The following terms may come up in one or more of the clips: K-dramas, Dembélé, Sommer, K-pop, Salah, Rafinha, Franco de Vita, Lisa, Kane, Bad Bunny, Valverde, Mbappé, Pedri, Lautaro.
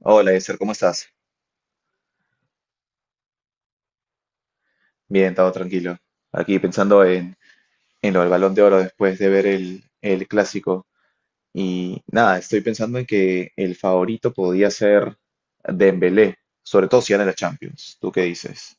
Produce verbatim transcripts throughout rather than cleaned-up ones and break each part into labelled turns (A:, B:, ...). A: Hola, Esther, ¿cómo estás? Bien, todo tranquilo. Aquí pensando en, en lo del Balón de Oro después de ver el, el clásico. Y nada, estoy pensando en que el favorito podía ser Dembélé, sobre todo si gana la Champions. ¿Tú qué dices?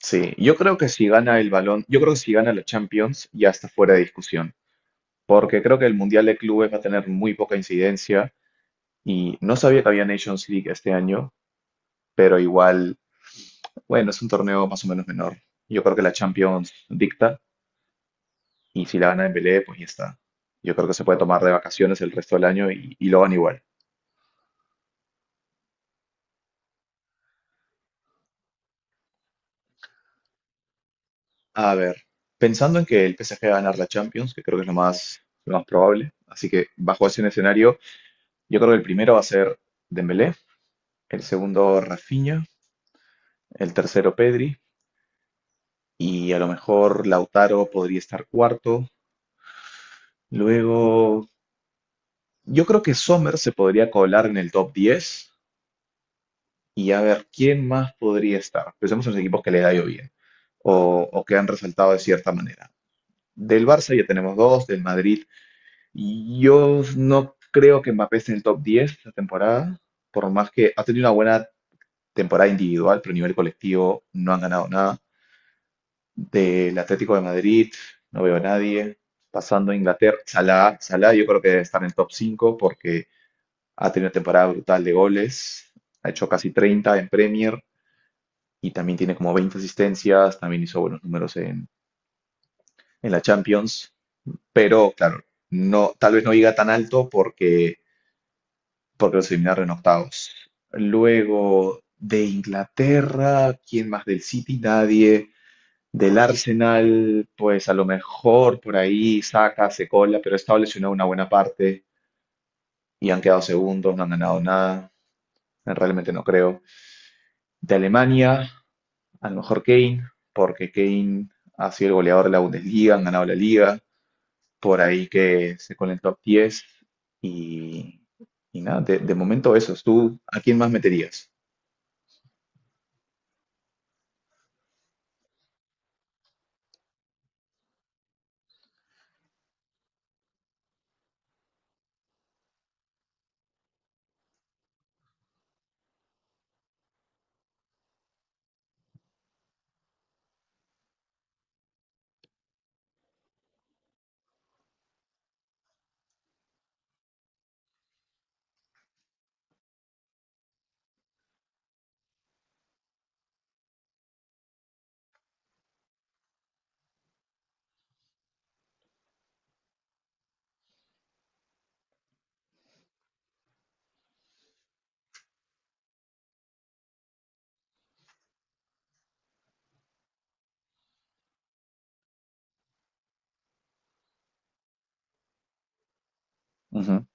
A: Sí, yo creo que si gana el Balón, yo creo que si gana la Champions ya está fuera de discusión, porque creo que el Mundial de Clubes va a tener muy poca incidencia y no sabía que había Nations League este año, pero igual, bueno, es un torneo más o menos menor. Yo creo que la Champions dicta. Y si la gana Dembélé, pues ya está. Yo creo que se puede tomar de vacaciones el resto del año y, y lo gana igual. A ver, pensando en que el P S G va a ganar la Champions, que creo que es lo más, lo más probable, así que bajo ese escenario, yo creo que el primero va a ser Dembélé, el segundo Rafinha, el tercero Pedri y a lo mejor Lautaro podría estar cuarto. Luego, yo creo que Sommer se podría colar en el top diez. Y a ver, ¿quién más podría estar? Pensemos en los equipos que le ha ido bien o, o que han resaltado de cierta manera. Del Barça ya tenemos dos, del Madrid. Yo no creo que Mbappé esté en el top diez esta temporada, por más que ha tenido una buena temporada individual, pero a nivel colectivo no han ganado nada. Del Atlético de Madrid no veo a nadie. Pasando a Inglaterra, Salah, Salah yo creo que debe estar en el top cinco porque ha tenido una temporada brutal de goles, ha hecho casi treinta en Premier y también tiene como veinte asistencias, también hizo buenos números en, en la Champions, pero claro, no, tal vez no llega tan alto porque, porque los eliminaron en octavos. Luego de Inglaterra, ¿quién más del City? Nadie. Del Arsenal, pues a lo mejor por ahí saca, se cola, pero ha estado lesionado una buena parte y han quedado segundos, no han ganado nada. Realmente no creo. De Alemania, a lo mejor Kane, porque Kane ha sido el goleador de la Bundesliga, han ganado la liga, por ahí que se con el top diez. Y, y nada, de, de momento esos. ¿Tú a quién más meterías? Ujú.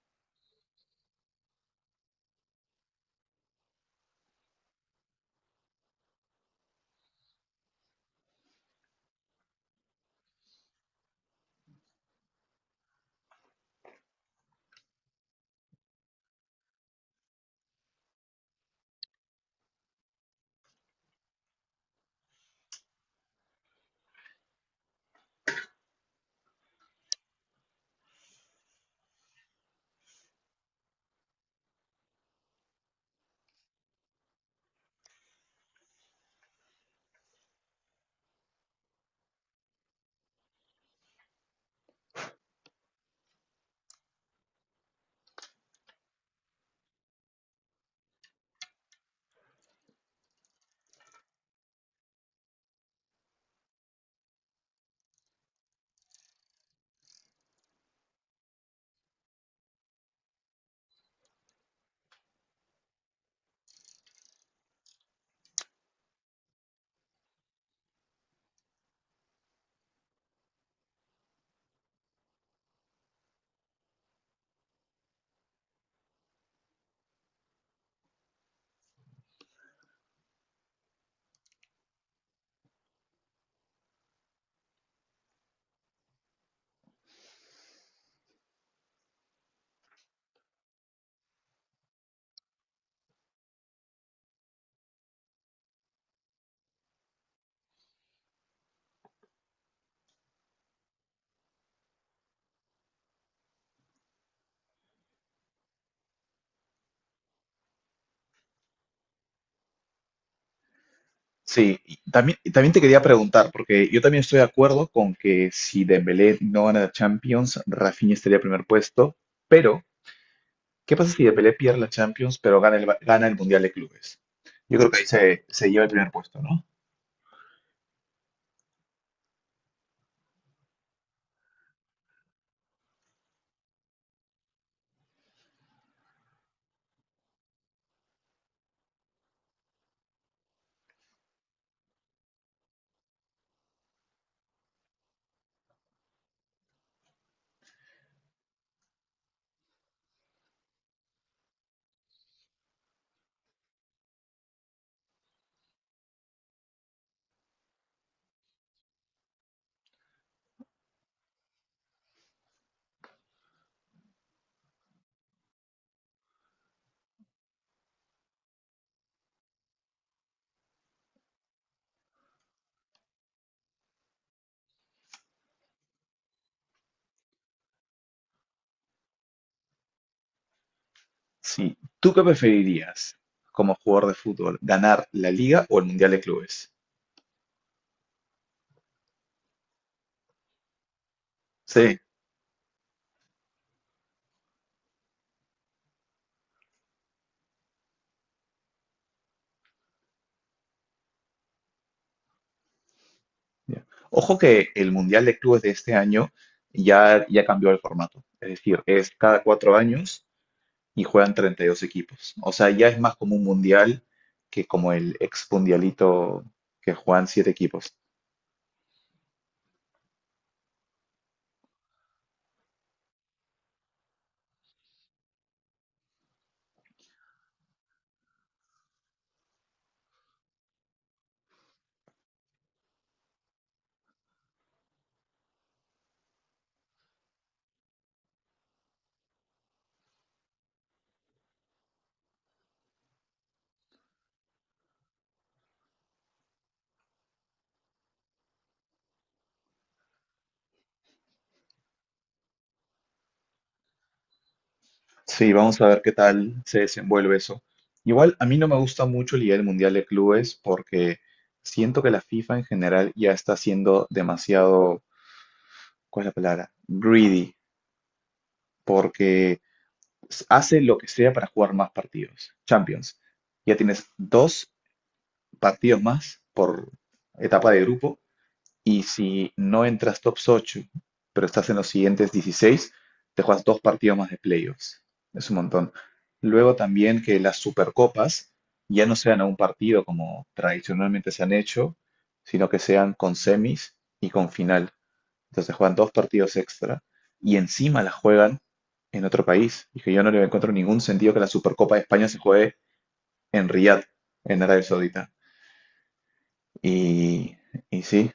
A: Sí, y también, y también te quería preguntar, porque yo también estoy de acuerdo con que si Dembélé no gana la Champions, Rafinha estaría en primer puesto, pero ¿qué pasa si Dembélé pierde la Champions pero gana el, gana el Mundial de Clubes? Yo creo que ahí se, se lleva el primer puesto, ¿no? Sí. ¿Tú qué preferirías como jugador de fútbol? ¿Ganar la Liga o el Mundial de Clubes? Sí. Ya. Ojo que el Mundial de Clubes de este año ya, ya cambió el formato. Es decir, es cada cuatro años y juegan treinta y dos equipos. O sea, ya es más como un Mundial que como el ex Mundialito que juegan siete equipos. Sí, vamos a ver qué tal se desenvuelve eso. Igual a mí no me gusta mucho la idea del Mundial de Clubes porque siento que la FIFA en general ya está siendo demasiado, ¿cuál es la palabra? Greedy, porque s- hace lo que sea para jugar más partidos. Champions. Ya tienes dos partidos más por etapa de grupo. Y si no entras top ocho, pero estás en los siguientes dieciséis, te juegas dos partidos más de playoffs. Es un montón. Luego también que las supercopas ya no sean a un partido como tradicionalmente se han hecho, sino que sean con semis y con final. Entonces juegan dos partidos extra y encima las juegan en otro país. Y que yo no le encuentro ningún sentido que la Supercopa de España se juegue en Riyadh, en Arabia Saudita. Y, y sí,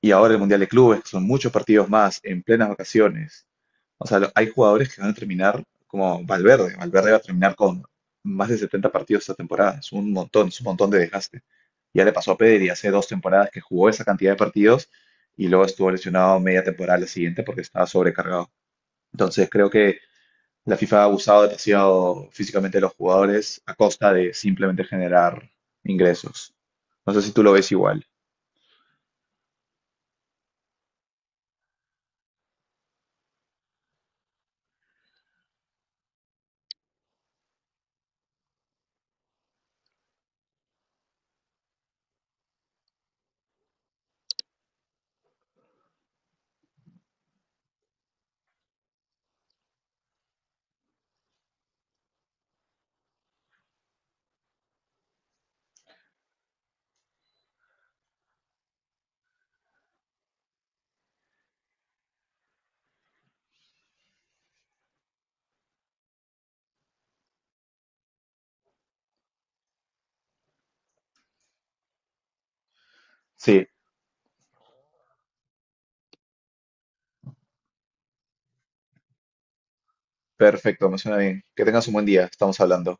A: y ahora el Mundial de Clubes, que son muchos partidos más en plenas vacaciones. O sea, lo- hay jugadores que van a terminar como Valverde. Valverde va a terminar con más de setenta partidos esta temporada. Es un montón, es un montón de desgaste. Ya le pasó a Pedri hace dos temporadas que jugó esa cantidad de partidos y luego estuvo lesionado media temporada la siguiente porque estaba sobrecargado. Entonces creo que la FIFA ha abusado demasiado físicamente de los jugadores a costa de simplemente generar ingresos. No sé si tú lo ves igual. Sí, perfecto, me suena bien. Que tengas un buen día, estamos hablando.